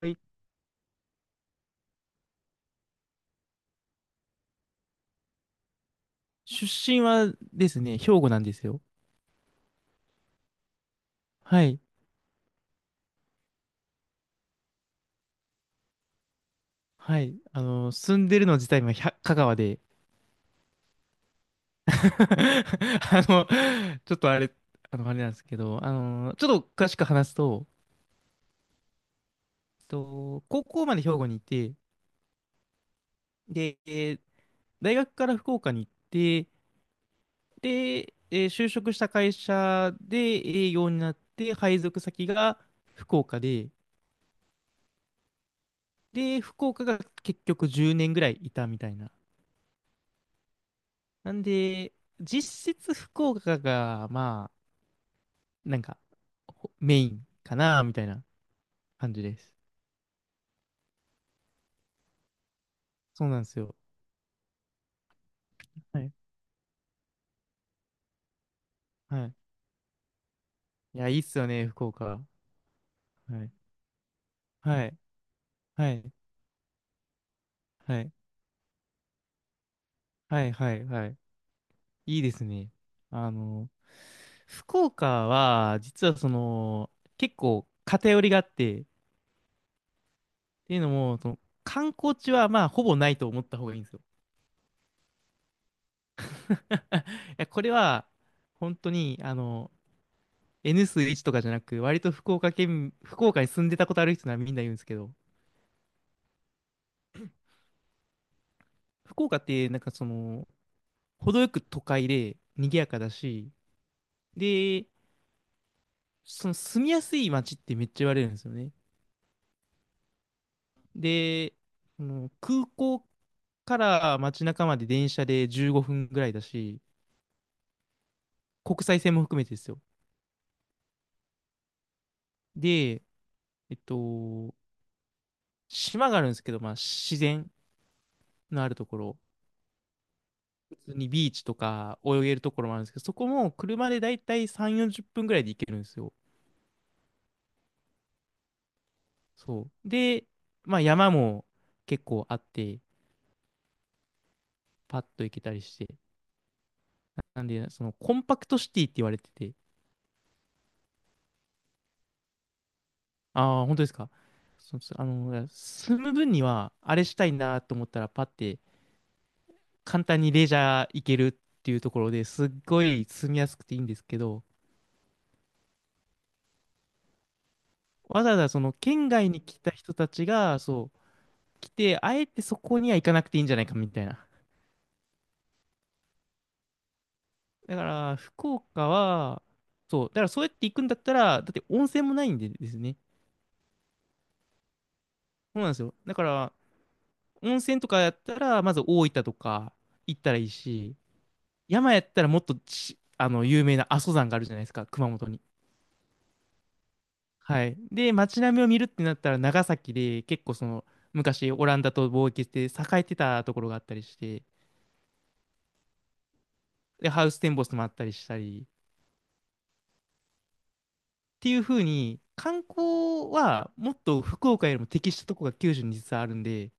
はい。出身はですね、兵庫なんですよ。はい。はい。住んでるの自体は香川で。あの、ちょっとあれ、あれなんですけど、ちょっと詳しく話すと、高校まで兵庫にいて、で、大学から福岡に行って、で、就職した会社で営業になって、配属先が福岡で、で、福岡が結局10年ぐらいいたみたいな。なんで、実質福岡が、まあ、なんか、メインかな、みたいな感じです。そうなんですよ。はい。はい。いや、いいっすよね、福岡。はい。はい。はい。はい。はい。はい。はい。いいですね。あの、福岡は、実はその、結構偏りがあって、っていうのも、その、観光地は、まあ、ほぼないと思った方がいいんですよ。いや、これは、本当に、N 数1とかじゃなく、割と福岡県、福岡に住んでたことある人ならみんな言うんですけど、福岡ってなんかその、程よく都会で賑やかだし、で、その住みやすい街ってめっちゃ言われるんですよね。で、その空港から街中まで電車で15分ぐらいだし、国際線も含めてですよ。で、えっと、島があるんですけど、まあ自然のあるところ。普通にビーチとか泳げるところもあるんですけど、そこも車でだいたい3、40分ぐらいで行けるんですよ。そう。で、まあ山も結構あって、パッと行けたりして。なんで、そのコンパクトシティって言われてて、ああ、本当ですか。そうそういや住む分にはあれしたいなと思ったらパッて簡単にレジャー行けるっていうところですっごい住みやすくていいんですけど、わざわざその県外に来た人たちが、そう、来て、あえてそこには行かなくていいんじゃないかみたいな。だから、福岡は、そう、だからそうやって行くんだったら、だって温泉もないんでですね。そうなんですよ。だから、温泉とかやったら、まず大分とか行ったらいいし、山やったらもっとち、有名な阿蘇山があるじゃないですか、熊本に。はい。で、街並みを見るってなったら、長崎で結構その、昔オランダと貿易して栄えてたところがあったりして、で、ハウステンボスもあったりしたり、っていう風に、観光はもっと福岡よりも適したとこが九州に実はあるんで、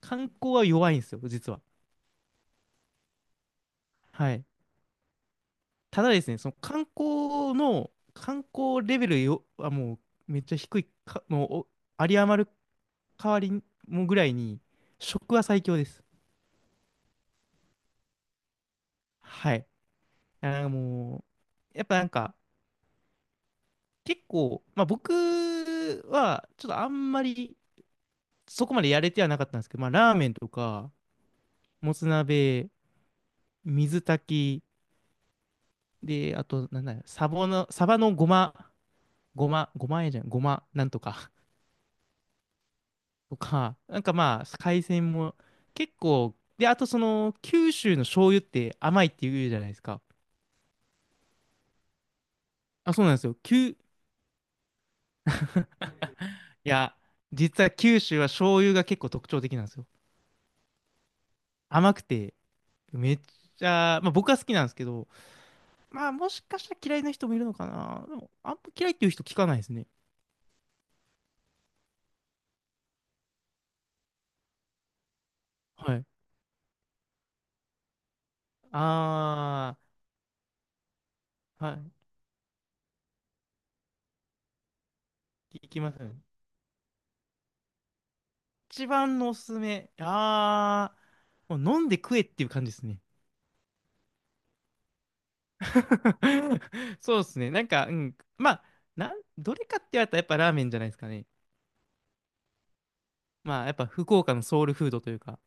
観光は弱いんですよ、実は。はい。ただですね、その観光レベルよ、はもうめっちゃ低いか、もうお有り余る代わりにもぐらいに、食は最強です。はい。なんかもう、やっぱなんか、結構、まあ僕は、ちょっとあんまり、そこまでやれてはなかったんですけど、まあラーメンとか、もつ鍋、水炊き、で、あと、なんだよ、サバのごま、ごま、ごまえじゃん、ごま、なんとか。とか、なんかまあ、海鮮も結構、で、あとその、九州の醤油って甘いって言うじゃないですか。あ、そうなんですよ。いや、実は九州は醤油が結構特徴的なんですよ。甘くて、めっちゃ、まあ僕は好きなんですけど、まあもしかしたら嫌いな人もいるのかな。でも、あんま嫌いっていう人聞かないですね。はい。あー、はい。聞きますよね。一番のおすすめ。あー、もう飲んで食えっていう感じですね。そうですね。なんか、うん。まあ、どれかって言われたらやっぱラーメンじゃないですかね。まあ、やっぱ福岡のソウルフードというか。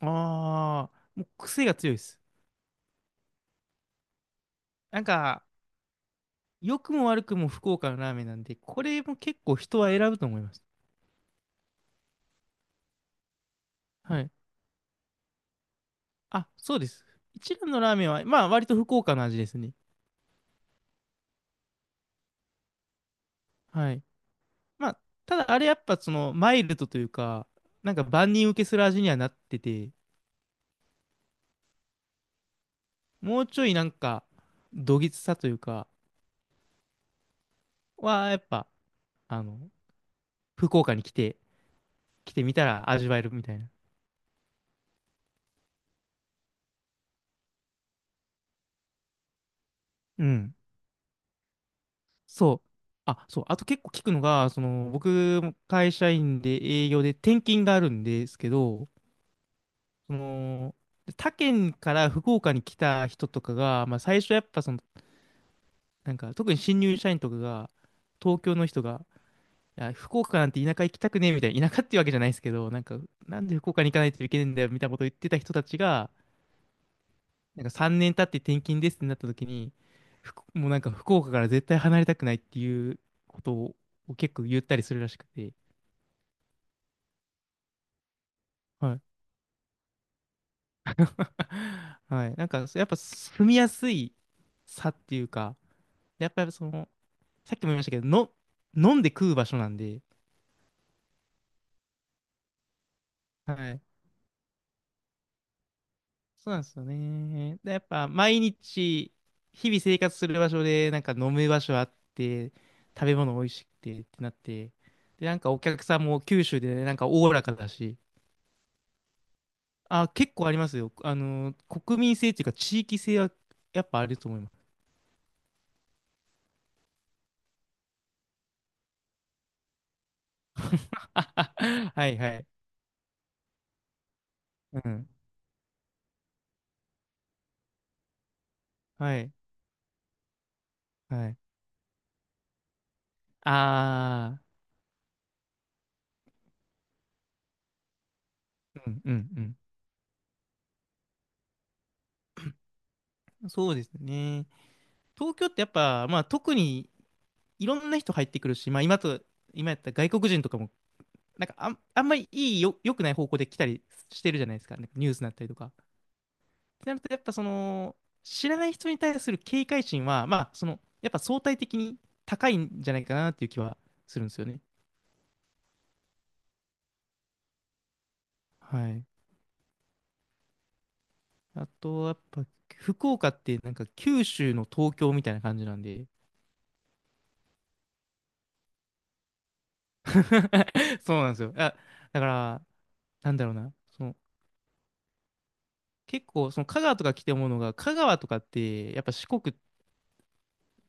ああ、もう癖が強いです。なんか、良くも悪くも福岡のラーメンなんで、これも結構人は選ぶと思います。はい。あ、そうです。一蘭のラーメンは、まあ、割と福岡の味ですね。はい。まあ、ただあれやっぱその、マイルドというか、なんか万人受けする味にはなってて、もうちょいなんか、どぎつさというか、は、やっぱ、あの、福岡に来てみたら味わえるみたいな。うん。そう。あ、そう。あと結構聞くのが、その、僕も会社員で営業で転勤があるんですけど、その、他県から福岡に来た人とかが、まあ最初やっぱその、なんか特に新入社員とかが、東京の人が、いや、福岡なんて田舎行きたくねえみたいな、田舎っていうわけじゃないですけど、なんか、なんで福岡に行かないといけないんだよみたいなことを言ってた人たちが、なんか3年経って転勤ですってなった時に、もうなんか福岡から絶対離れたくないっていうことを結構言ったりするらしくて、はい。はい。なんか、やっぱ住みやすい差っていうか、やっぱりその、さっきも言いましたけど、飲んで食う場所なんで、はい。そうなんですよね。で、やっぱ毎日、日々生活する場所で、なんか飲む場所あって、食べ物美味しくてってなって、で、なんかお客さんも九州で、なんかおおらかだし、あ、結構ありますよ。国民性っていうか地域性はやっぱあると思います。はいはい。うん。はい。はい。ああ、うんうんうん。そうですね。東京ってやっぱ、まあ特にいろんな人入ってくるし、まあ今やったら外国人とかも、なんかあんまりいいよ、良くない方向で来たりしてるじゃないですか。なんかニュースになったりとか。ってなると、やっぱその、知らない人に対する警戒心は、まあその、やっぱ相対的に高いんじゃないかなっていう気はするんですよね。はい。あと、やっぱ、福岡ってなんか九州の東京みたいな感じなんで。そうなんですよ。あ、だから、なんだろうな。その、結構、その香川とか来て思うのが、香川とかって、やっぱ四国っ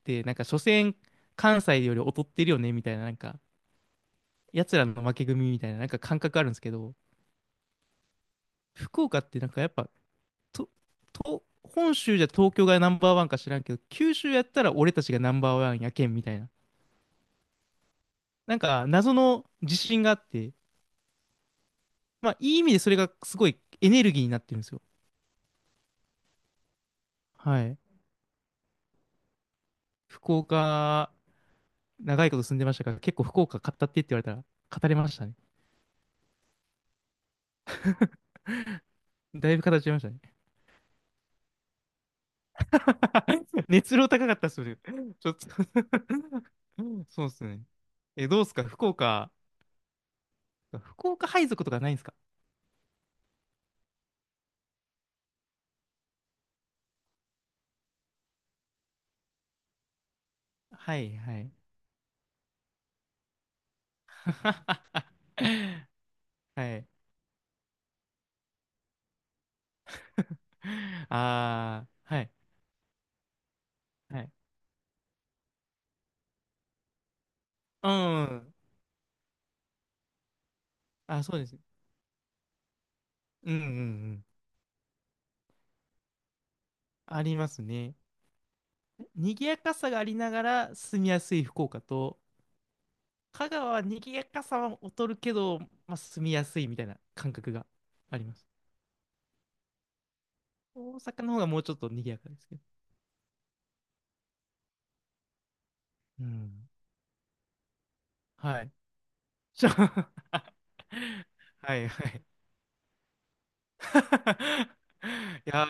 て、なんか、所詮、関西より劣ってるよね、みたいな、なんか、奴らの負け組みたいな、なんか感覚あるんですけど、福岡ってなんかやっぱ、と、本州じゃ東京がナンバーワンか知らんけど、九州やったら俺たちがナンバーワンやけん、みたいな。なんか、謎の自信があって、まあ、いい意味でそれがすごいエネルギーになってるんですよ。はい。福岡、長いこと住んでましたから、結構福岡語ってって言われたら、語れましたね。だいぶ語っちゃいましたね。熱量高かったっすそれちょっと そうっすね。え、どうっすか福岡、配属とかないんですか？はいはい。はい。ああ、はい、はい。うん。あ、そうです。うんうんうん。ありますね。賑やかさがありながら住みやすい福岡と、香川は賑やかさは劣るけど、まあ、住みやすいみたいな感覚があります。大阪の方がもうちょっと賑やかですけど。うん。はい。じゃあ はいはい。いや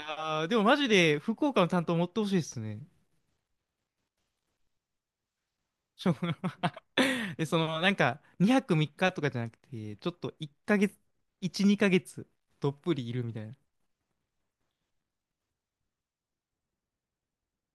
ー、でもマジで福岡の担当持ってほしいですね。しょ で、その、なんか、2泊3日とかじゃなくて、ちょっと1ヶ月、1、2ヶ月、どっぷりいるみたいな。